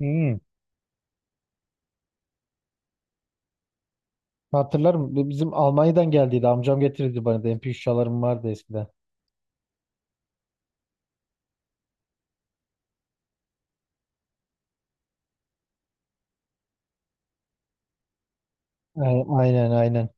Hmm, hatırlarım. Bizim Almanya'dan geldiydi. Amcam getirirdi bana da. MP3 çalarım vardı eskiden. Aynen aynen.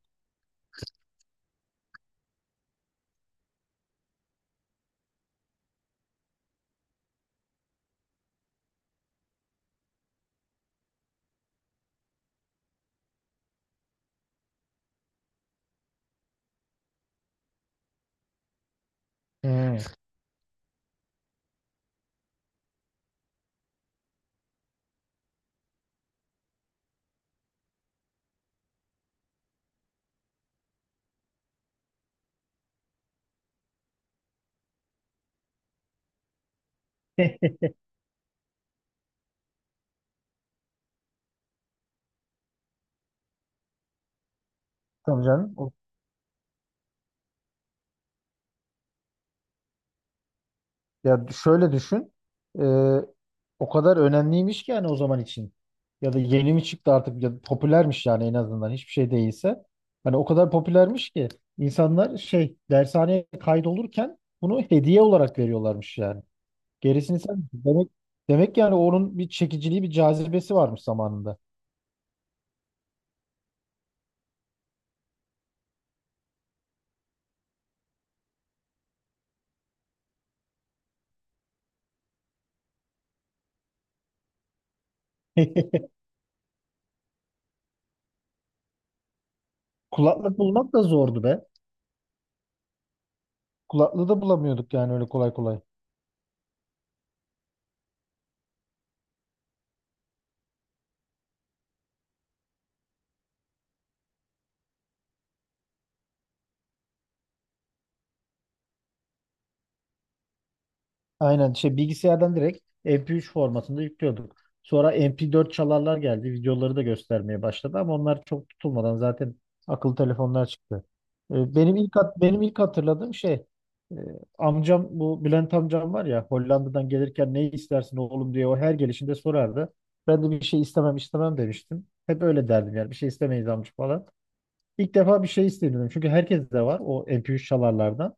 Hmm. Tabii canım. Ya şöyle düşün. Ee, o kadar önemliymiş ki yani o zaman için. Ya da yeni mi çıktı artık, ya da popülermiş, yani en azından hiçbir şey değilse. Hani o kadar popülermiş ki insanlar şey dershaneye kaydolurken bunu hediye olarak veriyorlarmış yani. Gerisini sen demek yani, onun bir çekiciliği, bir cazibesi varmış zamanında. Kulaklık bulmak da zordu be. Kulaklığı da bulamıyorduk yani, öyle kolay kolay. Aynen, şey bilgisayardan direkt MP3 formatında yüklüyorduk. Sonra MP4 çalarlar geldi. Videoları da göstermeye başladı ama onlar çok tutulmadan zaten akıllı telefonlar çıktı. Benim ilk hatırladığım şey, e, amcam, bu Bülent amcam var ya, Hollanda'dan gelirken "ne istersin oğlum" diye o her gelişinde sorardı. Ben de bir şey istemem istemem demiştim. Hep öyle derdim yani, bir şey istemeyiz amca falan. İlk defa bir şey istedim. Çünkü herkes de var o MP3 çalarlardan.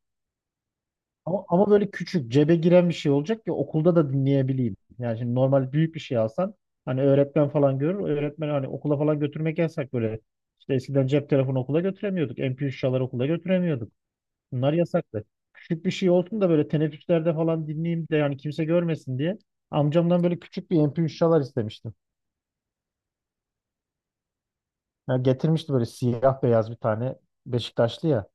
Ama böyle küçük, cebe giren bir şey olacak ki okulda da dinleyebileyim. Yani şimdi normal büyük bir şey alsan hani öğretmen falan görür. Öğretmen, hani okula falan götürmek yasak böyle. İşte eskiden cep telefonu okula götüremiyorduk. MP3 çalar okula götüremiyorduk. Bunlar yasaktı. Küçük bir şey olsun da böyle teneffüslerde falan dinleyeyim de yani, kimse görmesin diye. Amcamdan böyle küçük bir MP3 çalar istemiştim. Ya, getirmişti böyle siyah beyaz bir tane, Beşiktaşlı ya.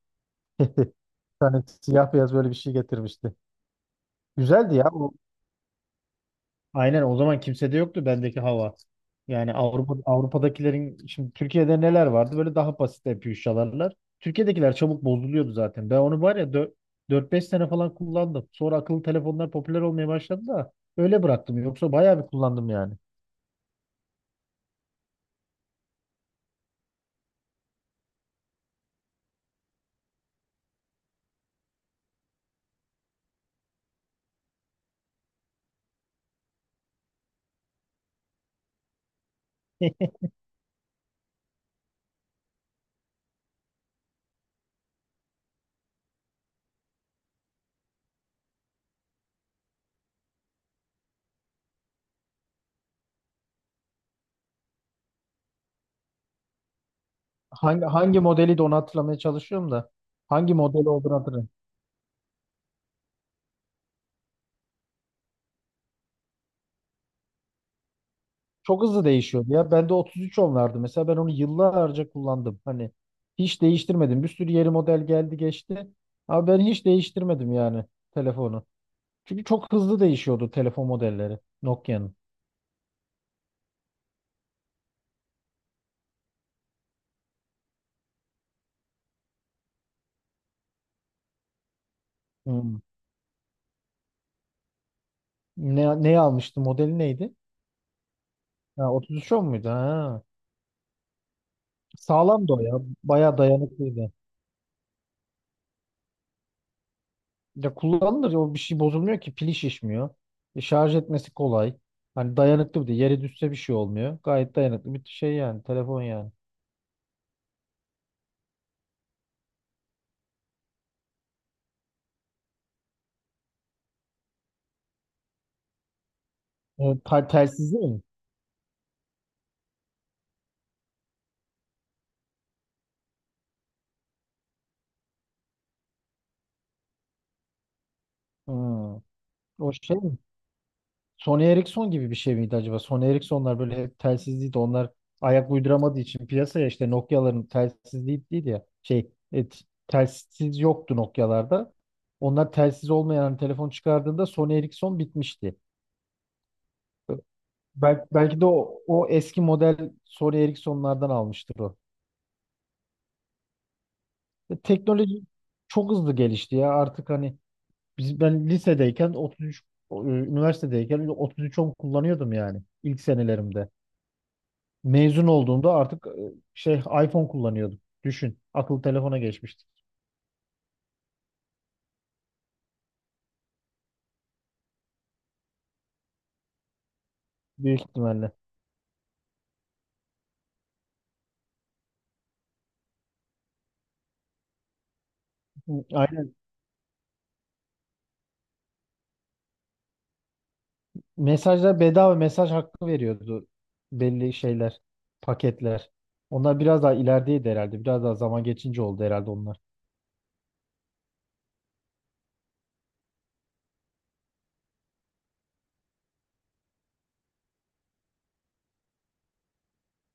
Bir tane siyah beyaz böyle bir şey getirmişti. Güzeldi ya. Aynen, o zaman kimsede yoktu bendeki hava. Yani Avrupa'dakilerin şimdi Türkiye'de neler vardı? Böyle daha basit MP3. Türkiye'dekiler çabuk bozuluyordu zaten. Ben onu var ya 4-5 sene falan kullandım. Sonra akıllı telefonlar popüler olmaya başladı da öyle bıraktım. Yoksa bayağı bir kullandım yani. Hangi modeli de, onu hatırlamaya çalışıyorum da. Hangi modeli olduğunu hatırlamıyorum. Çok hızlı değişiyordu ya. Bende 33 onlardı. Mesela ben onu yıllarca kullandım. Hani hiç değiştirmedim. Bir sürü yeni model geldi geçti. Ama ben hiç değiştirmedim yani telefonu. Çünkü çok hızlı değişiyordu telefon modelleri Nokia'nın. Hmm. Neyi almıştı? Modeli neydi? Ha, 3310 muydu? Ha. Sağlamdı o ya. Bayağı dayanıklıydı. Ya, kullanılır. O, bir şey bozulmuyor ki. Pili şişmiyor. Şarj etmesi kolay. Hani dayanıklı bir de. Yere düşse bir şey olmuyor. Gayet dayanıklı bir şey yani. Telefon yani. Telsizli mi? Hmm. O şey mi? Sony Ericsson gibi bir şey miydi acaba? Sony Ericsson'lar böyle hep telsizliydi. Onlar ayak uyduramadığı için piyasaya, işte, Nokia'ların telsizliği değil ya. Şey, telsiz yoktu Nokia'larda. Onlar telsiz olmayan hani telefon çıkardığında Sony Ericsson bitmişti. Belki de o eski model Sony Ericsson'lardan almıştır o. Teknoloji çok hızlı gelişti ya. Artık hani, ben lisedeyken 33, üniversitedeyken 3310 kullanıyordum yani, ilk senelerimde. Mezun olduğumda artık şey iPhone kullanıyordum. Düşün, akıllı telefona geçmiştik büyük ihtimalle. Hı, aynen. Mesajlar, bedava mesaj hakkı veriyordu belli şeyler, paketler. Onlar biraz daha ilerideydi herhalde. Biraz daha zaman geçince oldu herhalde onlar.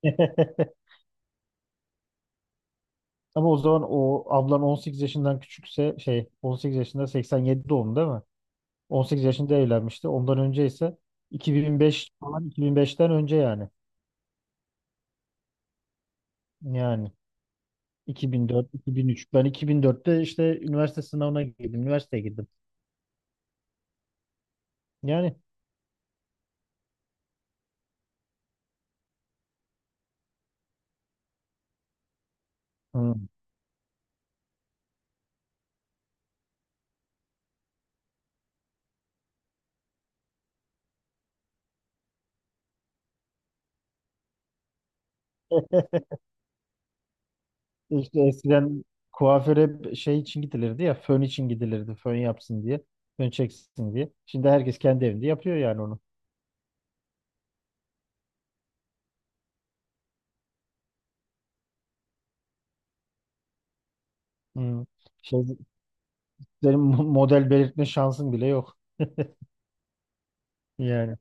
Ama o zaman o ablan 18 yaşından küçükse, şey, 18 yaşında, 87 doğumlu değil mi? 18 yaşında evlenmişti. Ondan önce ise 2005 falan, 2005'ten önce yani. Yani 2004, 2003. Ben 2004'te işte üniversite sınavına girdim. Üniversiteye girdim. Yani, hı. işte eskiden kuaföre, şey için gidilirdi ya, fön için gidilirdi. Fön yapsın diye. Fön çeksin diye. Şimdi herkes kendi evinde yapıyor yani onu. Hı. Şey, senin model belirtme şansın bile yok. Yani.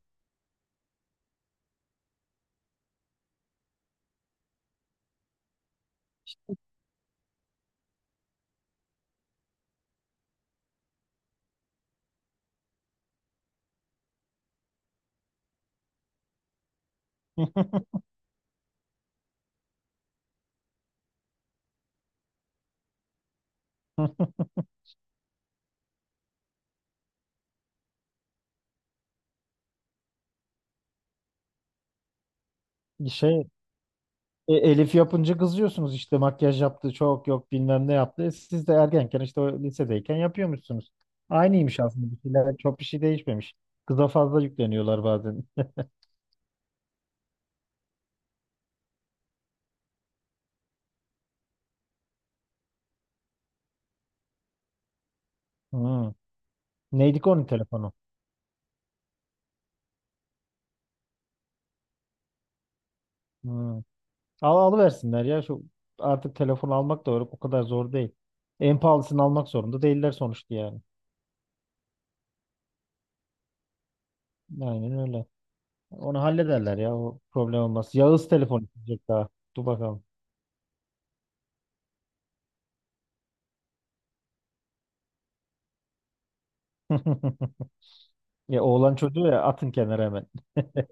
Şey, Elif yapınca kızıyorsunuz, işte, makyaj yaptı, çok yok, bilmem ne yaptı. Siz de ergenken, işte o lisedeyken, yapıyormuşsunuz. Aynıymış aslında, bir şeyler çok, bir şey değişmemiş. Kıza fazla yükleniyorlar bazen. Hmm. Neydi ki onun telefonu? Hmm. Alıversinler ya şu, artık telefon almak da o kadar zor değil. En pahalısını almak zorunda değiller sonuçta yani. Aynen öyle. Onu hallederler ya, o problem olmaz. Yağız telefon isteyecek daha. Dur bakalım. Ya, oğlan çocuğu ya, atın kenara hemen.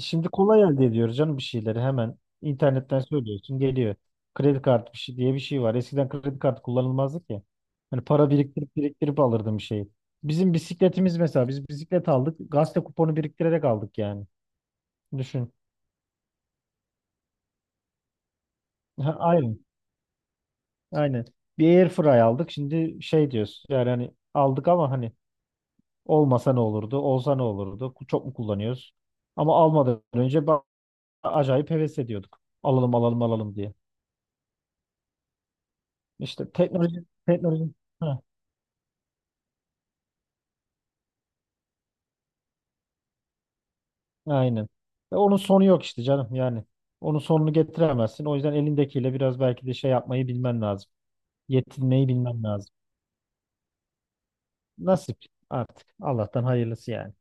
Şimdi kolay elde ediyoruz canım, bir şeyleri hemen internetten söylüyorsun, geliyor. Kredi kartı bir şey diye bir şey var. Eskiden kredi kartı kullanılmazdı ki. Hani para biriktirip biriktirip alırdım bir şeyi. Bizim bisikletimiz mesela, biz bisiklet aldık. Gazete kuponu biriktirerek aldık yani. Düşün. Ha, aynen. Aynen. Bir Airfryer aldık. Şimdi şey diyoruz. Yani hani aldık ama hani, olmasa ne olurdu? Olsa ne olurdu? Çok mu kullanıyoruz? Ama almadan önce acayip heves ediyorduk. Alalım alalım alalım diye. İşte teknoloji, teknoloji. Heh, aynen. Ve onun sonu yok işte canım yani. Onun sonunu getiremezsin. O yüzden elindekiyle biraz belki de şey yapmayı bilmen lazım. Yetinmeyi bilmen lazım. Nasip artık. Allah'tan hayırlısı yani.